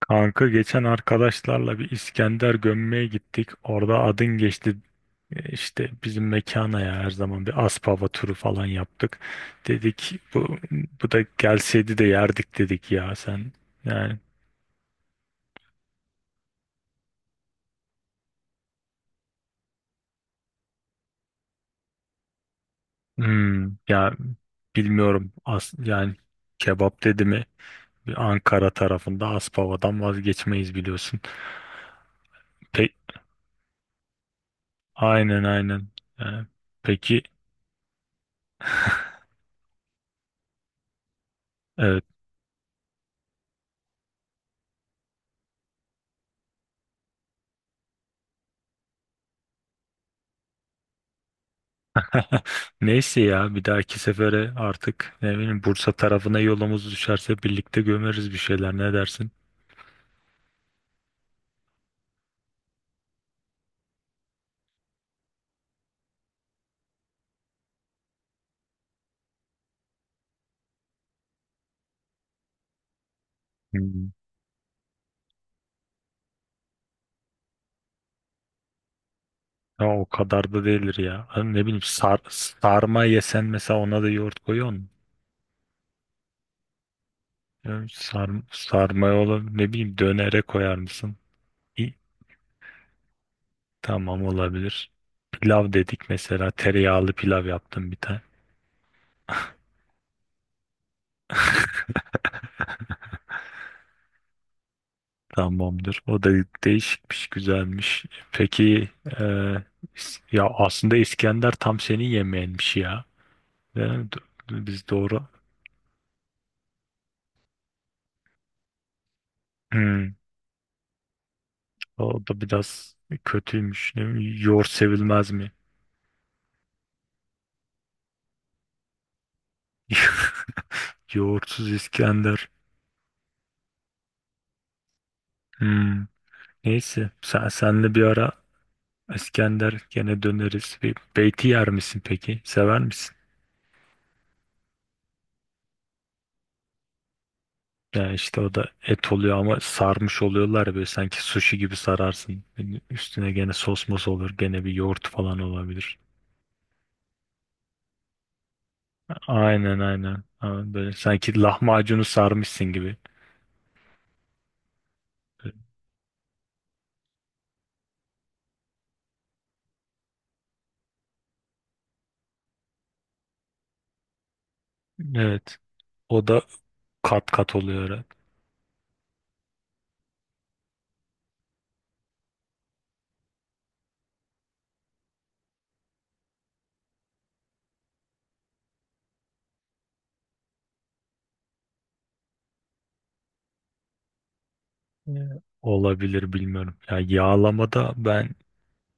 Kanka geçen arkadaşlarla bir İskender gömmeye gittik. Orada adın geçti. İşte bizim mekana ya, her zaman bir Aspava turu falan yaptık. Dedik bu da gelseydi de yerdik dedik ya sen. Yani ya bilmiyorum yani kebap dedi mi Ankara tarafında Aspava'dan vazgeçmeyiz biliyorsun. Pe aynen, aynen. Yani peki Neyse ya, bir dahaki sefere artık ne bileyim, Bursa tarafına yolumuz düşerse birlikte gömeriz bir şeyler, ne dersin? Hmm. Ya o kadar da değildir ya. Hani ne bileyim, sarma yesen mesela, ona da yoğurt koyuyor musun? Ya sarma olur, ne bileyim dönere koyar mısın? İyi, tamam, olabilir. Pilav dedik mesela, tereyağlı pilav yaptım bir tane. Tamamdır. O da değişikmiş, güzelmiş. Peki ya aslında İskender tam senin yemeğinmiş ya. Değil mi? Biz doğru. Hmm, o da biraz kötüymüş. Ne bileyim, yoğurt sevilmez mi? Yoğurtsuz İskender. Hmm, neyse. Senle bir ara İskender gene döneriz. Bir beyti yer misin peki? Sever misin? Ya işte o da et oluyor ama sarmış oluyorlar ya, böyle sanki sushi gibi sararsın. Yani üstüne gene sos mos olur, gene bir yoğurt falan olabilir. Aynen, aynen. Ama böyle sanki lahmacunu sarmışsın gibi. Evet. O da kat kat oluyor herhalde. Evet. Olabilir, bilmiyorum. Ya yağlamada ben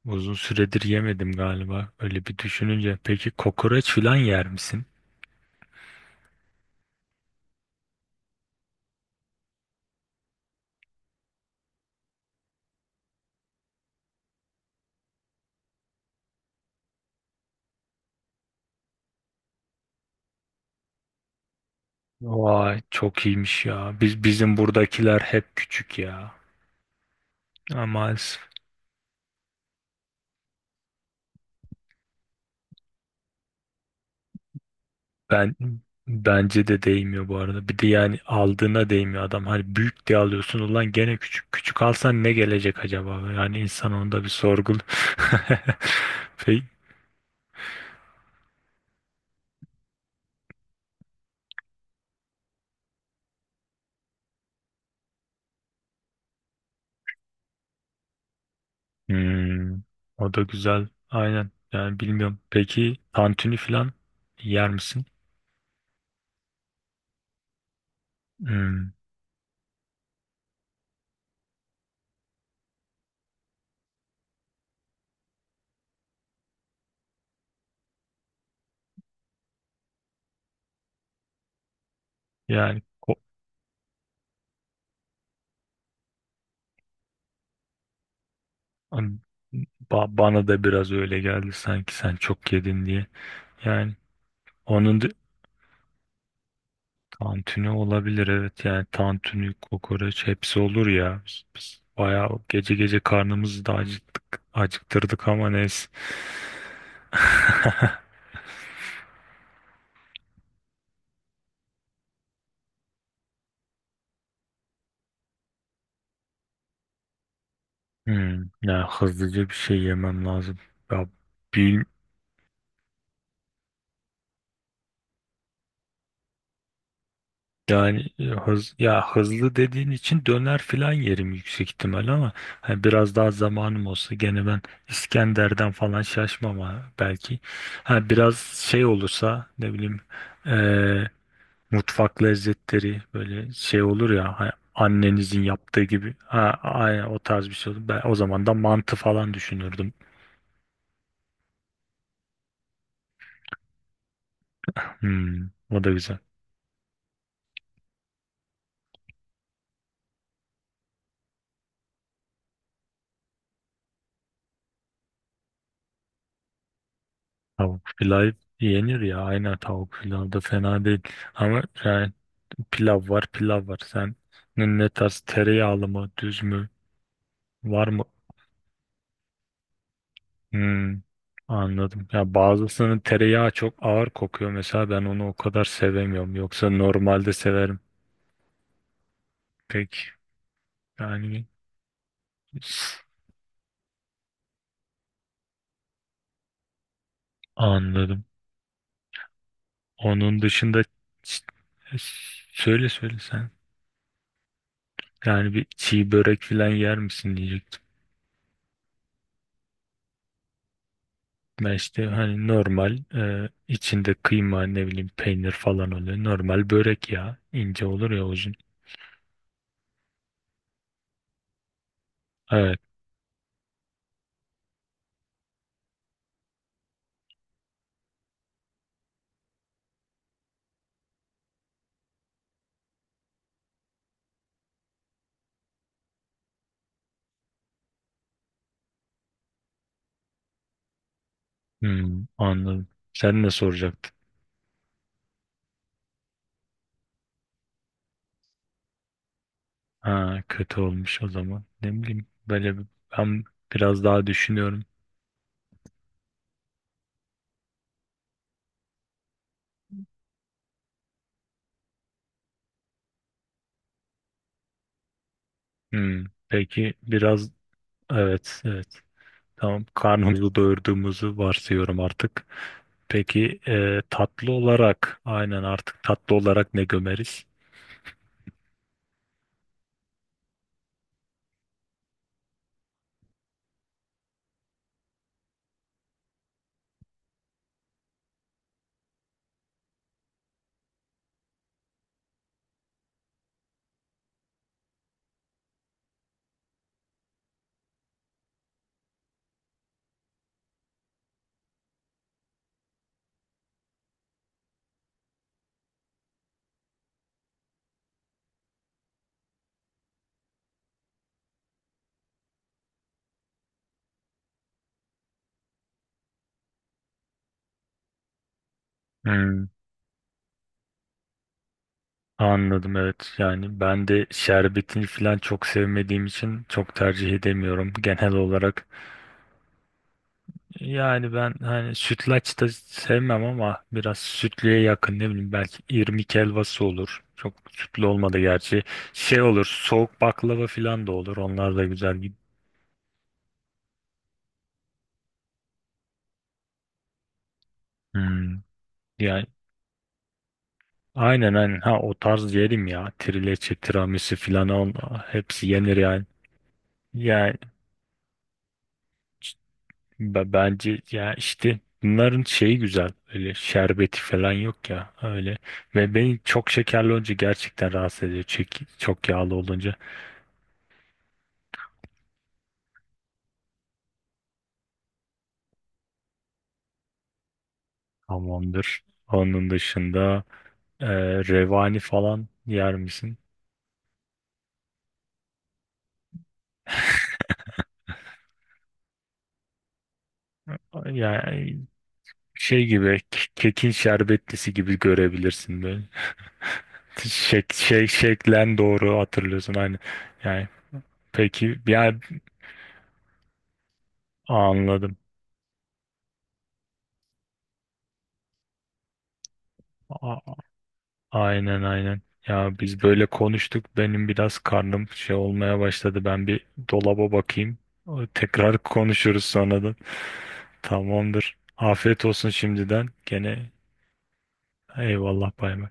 uzun süredir yemedim galiba. Öyle bir düşününce. Peki kokoreç falan yer misin? Vay, çok iyiymiş ya. Biz, bizim buradakiler hep küçük ya. Ama maalesef ben bence de değmiyor bu arada. Bir de yani aldığına değmiyor adam. Hani büyük diye alıyorsun, ulan gene küçük. Küçük alsan ne gelecek acaba? Yani insan onda bir sorgul. Peki. Hmm, o da güzel. Aynen. Yani bilmiyorum. Peki tantuni falan yer misin? Hmm, yani ko- bana da biraz öyle geldi sanki, sen çok yedin diye. Yani onun tantuni olabilir, evet. Yani tantuni, kokoreç hepsi olur ya. Biz bayağı gece gece karnımızı da acıktık, acıktırdık ama neyse. Hmm, ya hızlıca bir şey yemem lazım. Ya bil- Yani hız ya, hızlı dediğin için döner filan yerim yüksek ihtimal, ama hani biraz daha zamanım olsa gene ben İskender'den falan şaşmam ha, belki. Ha biraz şey olursa, ne bileyim, mutfak lezzetleri böyle şey olur ya, annenizin yaptığı gibi. Ha, aynen o tarz bir şey olur. Ben o zaman da mantı falan düşünürdüm. Hmm, o da güzel. Tavuk pilav yenir ya, aynen tavuk pilav da fena değil. Ama yani pilav var, pilav var. Sen ne tarz, tereyağlı mı düz mü var mı? Hmm, anladım. Ya bazısının tereyağı çok ağır kokuyor mesela, ben onu o kadar sevemiyorum. Yoksa normalde severim. Peki yani anladım. Onun dışında ç- söyle, söyle sen. Yani bir çiğ börek falan yer misin diyecektim. Ben işte hani normal, içinde kıyma, ne bileyim peynir falan oluyor. Normal börek ya, ince olur ya, uzun. Evet. Hmm, anladım. Sen ne soracaktın? Ha, kötü olmuş o zaman. Ne bileyim böyle ben biraz daha düşünüyorum. Hmm, peki biraz, evet evet. Tamam, karnımızı doyurduğumuzu varsayıyorum artık. Peki tatlı olarak, aynen, artık tatlı olarak ne gömeriz? Hmm, anladım, evet. Yani ben de şerbetini falan çok sevmediğim için çok tercih edemiyorum genel olarak. Yani ben hani sütlaç da sevmem, ama biraz sütlüye yakın ne bileyim, belki irmik helvası olur. Çok sütlü olmadı gerçi. Şey olur, soğuk baklava falan da olur, onlar da güzel gidiyor. Hmm. Yani aynen, aynen. Ha, o tarz yerim ya. Trileçe, tiramisu filan on hepsi yenir yani. Yani c- bence ya işte bunların şeyi güzel. Öyle şerbeti falan yok ya öyle. Ve beni çok şekerli olunca gerçekten rahatsız ediyor. Çok yağlı olunca tamamdır. Onun dışında e, revani falan yer misin? Yani şey gibi, kekin şerbetlisi gibi görebilirsin böyle. Şeklen doğru hatırlıyorsun aynı. Yani peki yani anladım. A- aynen, aynen. Ya biz böyle konuştuk. Benim biraz karnım şey olmaya başladı. Ben bir dolaba bakayım. Tekrar konuşuruz sonradan. Tamamdır. Afiyet olsun şimdiden. Gene eyvallah, bay bay.